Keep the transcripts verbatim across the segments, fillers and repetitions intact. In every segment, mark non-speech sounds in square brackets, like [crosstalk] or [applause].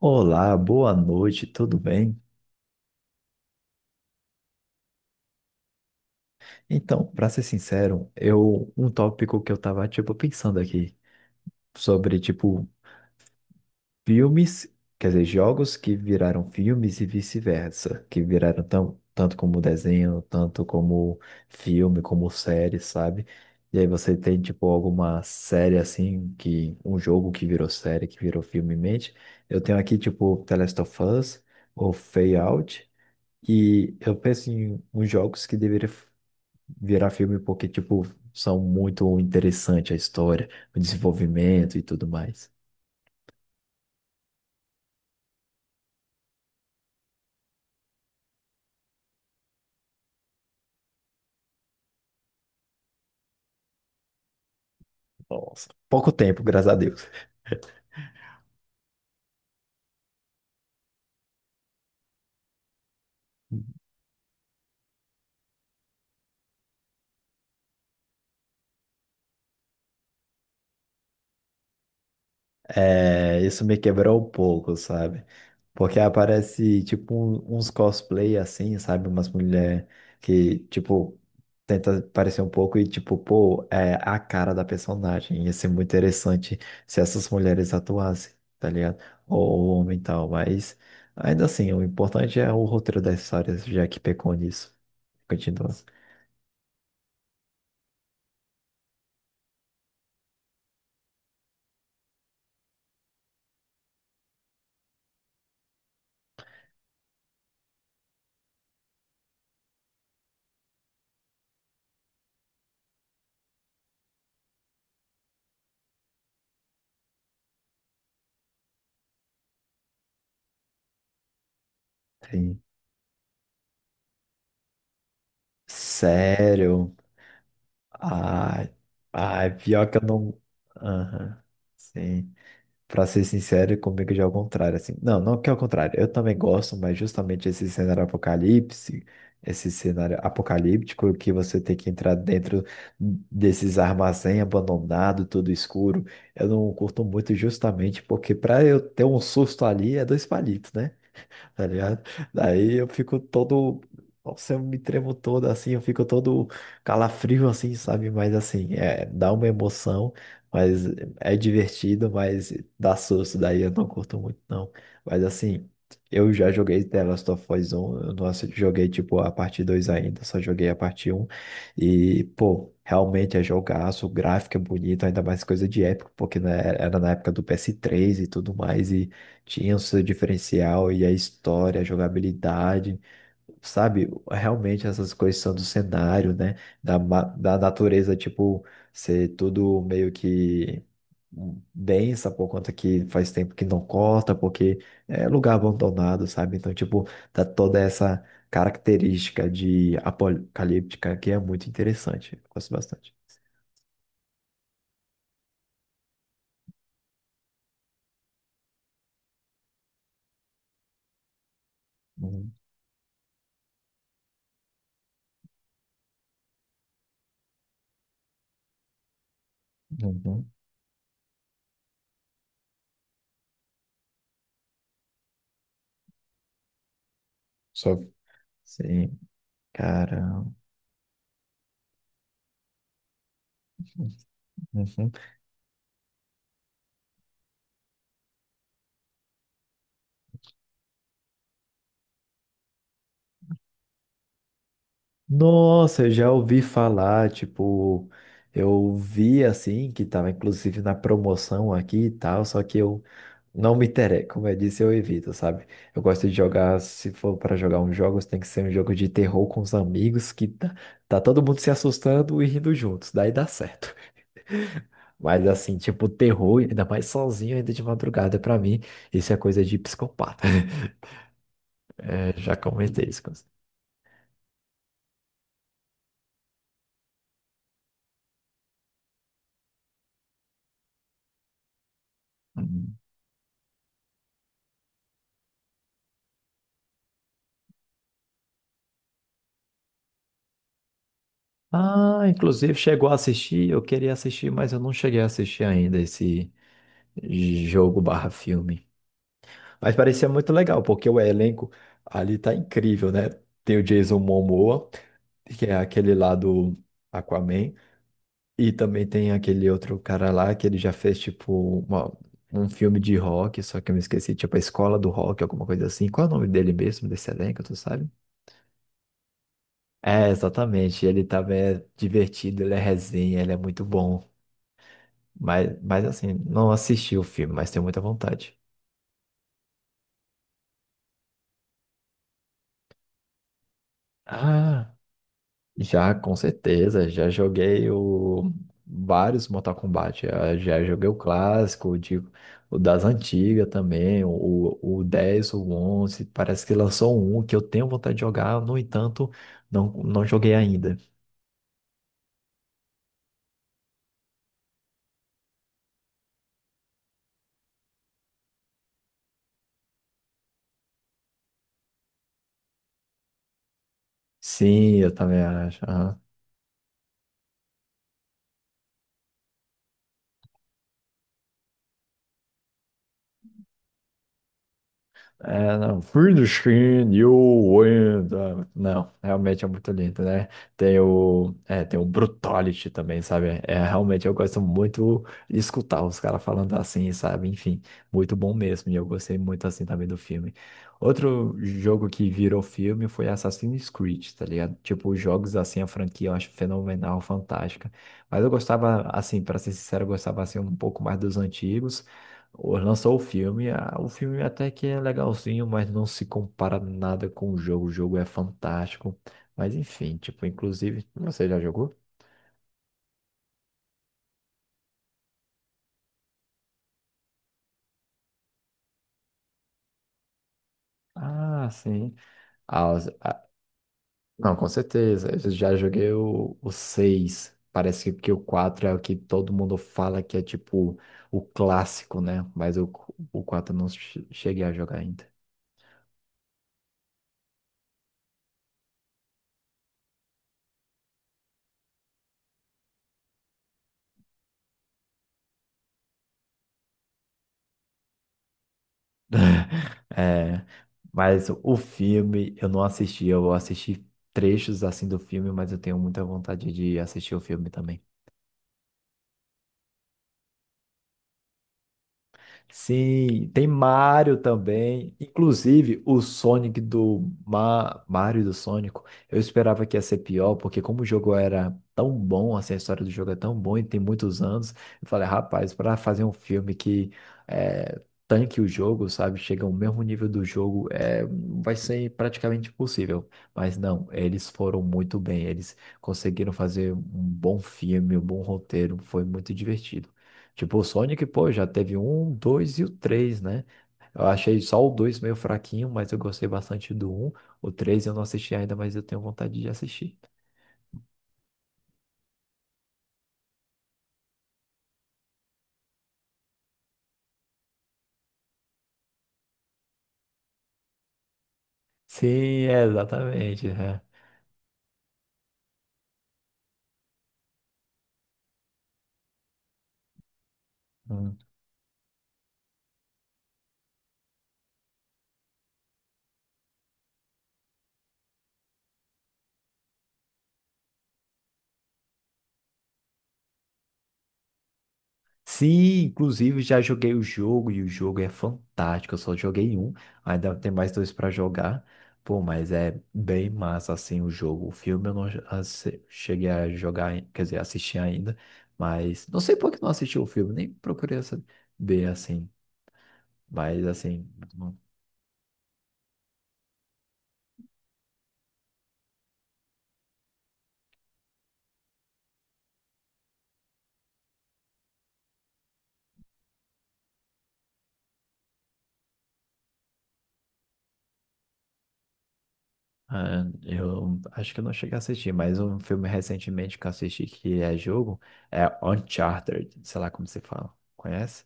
Olá, boa noite, tudo bem? Então, pra ser sincero, eu um tópico que eu tava tipo pensando aqui sobre tipo filmes, quer dizer, jogos que viraram filmes e vice-versa, que viraram tão, tanto como desenho, tanto como filme, como série, sabe? E aí você tem tipo alguma série assim que um jogo que virou série, que virou filme em mente. Eu tenho aqui tipo The Last of Us ou Fallout. E eu penso em uns jogos que deveriam virar filme porque, tipo, são muito interessante a história, o desenvolvimento e tudo mais. Nossa, pouco tempo, graças a Deus. É, isso me quebrou um pouco, sabe? Porque aparece, tipo, um- uns cosplay assim, sabe? Umas mulheres que, tipo, tenta parecer um pouco e, tipo, pô, é a cara da personagem. Ia ser muito interessante se essas mulheres atuassem, tá ligado? Ou o homem e tal, mas ainda assim, o importante é o roteiro das histórias, já que pecou nisso. Continua. Sim. Sério? Ai, ai, pior que eu não. Aham. Sim. Pra ser sincero, comigo já é o contrário, assim. Não, não que é o contrário. Eu também gosto, mas justamente esse cenário apocalipse, esse cenário apocalíptico que você tem que entrar dentro desses armazém abandonado, tudo escuro, eu não curto muito justamente porque pra eu ter um susto ali é dois palitos, né? Tá ligado? Daí eu fico todo. Nossa, eu me tremo todo assim, eu fico todo calafrio assim, sabe? Mas assim, é, dá uma emoção, mas é divertido, mas dá susto, daí eu não curto muito, não. Mas assim, eu já joguei The Last of Us um, eu não assi- joguei tipo a parte dois ainda, só joguei a parte um. E, pô, realmente é jogaço, o gráfico é bonito, ainda mais coisa de época, porque né, era na época do P S três e tudo mais. E tinha o seu diferencial e a história, a jogabilidade, sabe? Realmente essas coisas são do cenário, né? Da, ma- da natureza, tipo, ser tudo meio que hum, densa por conta que faz tempo que não corta, porque é lugar abandonado, sabe? Então, tipo, dá toda essa característica de apocalíptica que é muito interessante. Eu gosto bastante. Uhum. Uhum. Só. Sim, cara. Uhum. Nossa, eu já ouvi falar, tipo, eu vi assim, que tava inclusive na promoção aqui e tal, só que eu não me interesso, como eu disse, eu evito, sabe? Eu gosto de jogar, se for para jogar uns jogos, tem que ser um jogo de terror com os amigos, que tá, tá todo mundo se assustando e rindo juntos, daí dá certo. [laughs] Mas assim, tipo, terror, ainda mais sozinho, ainda de madrugada, pra mim, isso é coisa de psicopata. [laughs] É, já comentei isso com você. Uhum. Ah, inclusive chegou a assistir, eu queria assistir, mas eu não cheguei a assistir ainda esse jogo barra filme. Mas parecia muito legal, porque o elenco ali tá incrível, né? Tem o Jason Momoa, que é aquele lá do Aquaman, e também tem aquele outro cara lá que ele já fez tipo uma- um filme de rock, só que eu me esqueci, tipo a Escola do Rock, alguma coisa assim. Qual é o nome dele mesmo, desse elenco, tu sabe? É, exatamente. Ele tava é, divertido, ele é resenha, ele é muito bom. Mas, mas assim, não assisti o filme, mas tenho muita vontade. Ah, já, com certeza, já joguei o... vários Mortal Kombat. Já, já joguei o clássico, o, de... o das antigas também, o... o dez o onze. Parece que lançou um que eu tenho vontade de jogar, no entanto, não, não joguei ainda. Sim, eu também acho. É, não. Through the skin, you win. Ah, não, realmente é muito lindo, né? Tem o, é, tem o Brutality também, sabe? É, realmente eu gosto muito de escutar os caras falando assim, sabe? Enfim, muito bom mesmo. E eu gostei muito assim também do filme. Outro jogo que virou filme foi Assassin's Creed, tá ligado? Tipo, os jogos assim, a franquia eu acho fenomenal, fantástica. Mas eu gostava, assim, pra ser sincero, eu gostava assim um pouco mais dos antigos. Ou lançou o filme, ah, o filme até que é legalzinho, mas não se compara nada com o jogo. O jogo é fantástico. Mas enfim, tipo, inclusive, você já jogou? Ah, sim. Ah, os- ah, não, com certeza. Eu já joguei o, o seis. Parece que que o quatro é o que todo mundo fala que é tipo o clássico, né? Mas o, o quatro eu não che- cheguei a jogar ainda. [laughs] É, mas o filme eu não assisti, eu assisti trechos assim do filme, mas eu tenho muita vontade de assistir o filme também. Sim, tem Mario também. Inclusive, o Sonic do Ma... Mario do Sonic, eu esperava que ia ser pior, porque como o jogo era tão bom, assim, a história do jogo é tão boa e tem muitos anos, eu falei, rapaz, para fazer um filme que é, tanque o jogo, sabe, chega ao mesmo nível do jogo, é, vai ser praticamente impossível. Mas não, eles foram muito bem, eles conseguiram fazer um bom filme, um bom roteiro, foi muito divertido. Tipo, o Sonic, pô, já teve um, dois e o três, né? Eu achei só o dois meio fraquinho, mas eu gostei bastante do um. O três eu não assisti ainda, mas eu tenho vontade de assistir. Sim, é, exatamente. É. Hum. Sim, inclusive já joguei o jogo e o jogo é fantástico. Eu só joguei um, ainda tem mais dois para jogar. Pô, mas é bem massa assim o jogo. O filme eu não assi- cheguei a jogar, ai- quer dizer, assistir ainda, mas não sei por que não assisti o filme, nem procurei saber assim. Mas assim, ah, eu acho que eu não cheguei a assistir, mas um filme recentemente que eu assisti que é jogo é Uncharted, sei lá como se fala. Conhece?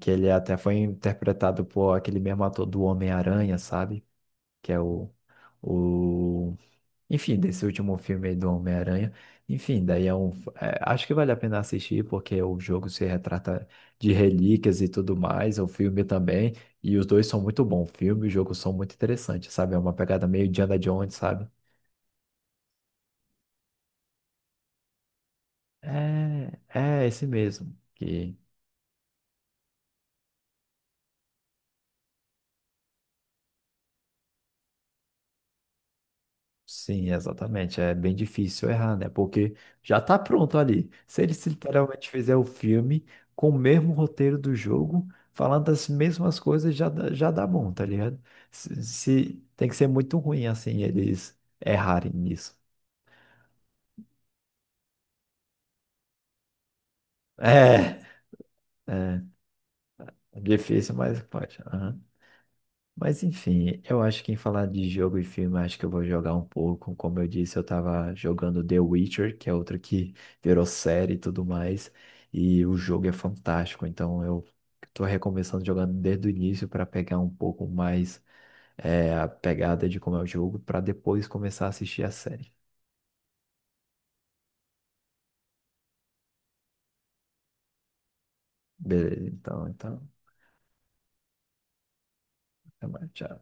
Que ele até foi interpretado por aquele mesmo ator do Homem-Aranha, sabe? Que é o, o Enfim, desse último filme aí do Homem-Aranha. Enfim, daí é um. É, acho que vale a pena assistir, porque o jogo se retrata de relíquias e tudo mais, o filme também. E os dois são muito bons. O filme e o jogo são muito interessantes, sabe? É uma pegada meio Indiana Jones, sabe? É, é esse mesmo. Que sim, exatamente. É bem difícil errar, né? Porque já tá pronto ali. Se eles literalmente fizer o filme com o mesmo roteiro do jogo, falando as mesmas coisas, já dá, já dá bom, tá ligado? Se, se- tem que ser muito ruim, assim, eles errarem nisso. [laughs] É, é é difícil, mas pode. Mas enfim, eu acho que em falar de jogo e filme, acho que eu vou jogar um pouco. Como eu disse, eu tava jogando The Witcher, que é outro que [laughs] virou série e tudo mais. E o jogo é fantástico, então eu tô recomeçando jogando desde o início para pegar um pouco mais é, a pegada de como é o jogo, para depois começar a assistir a série. Beleza, então, então, até mais, tchau.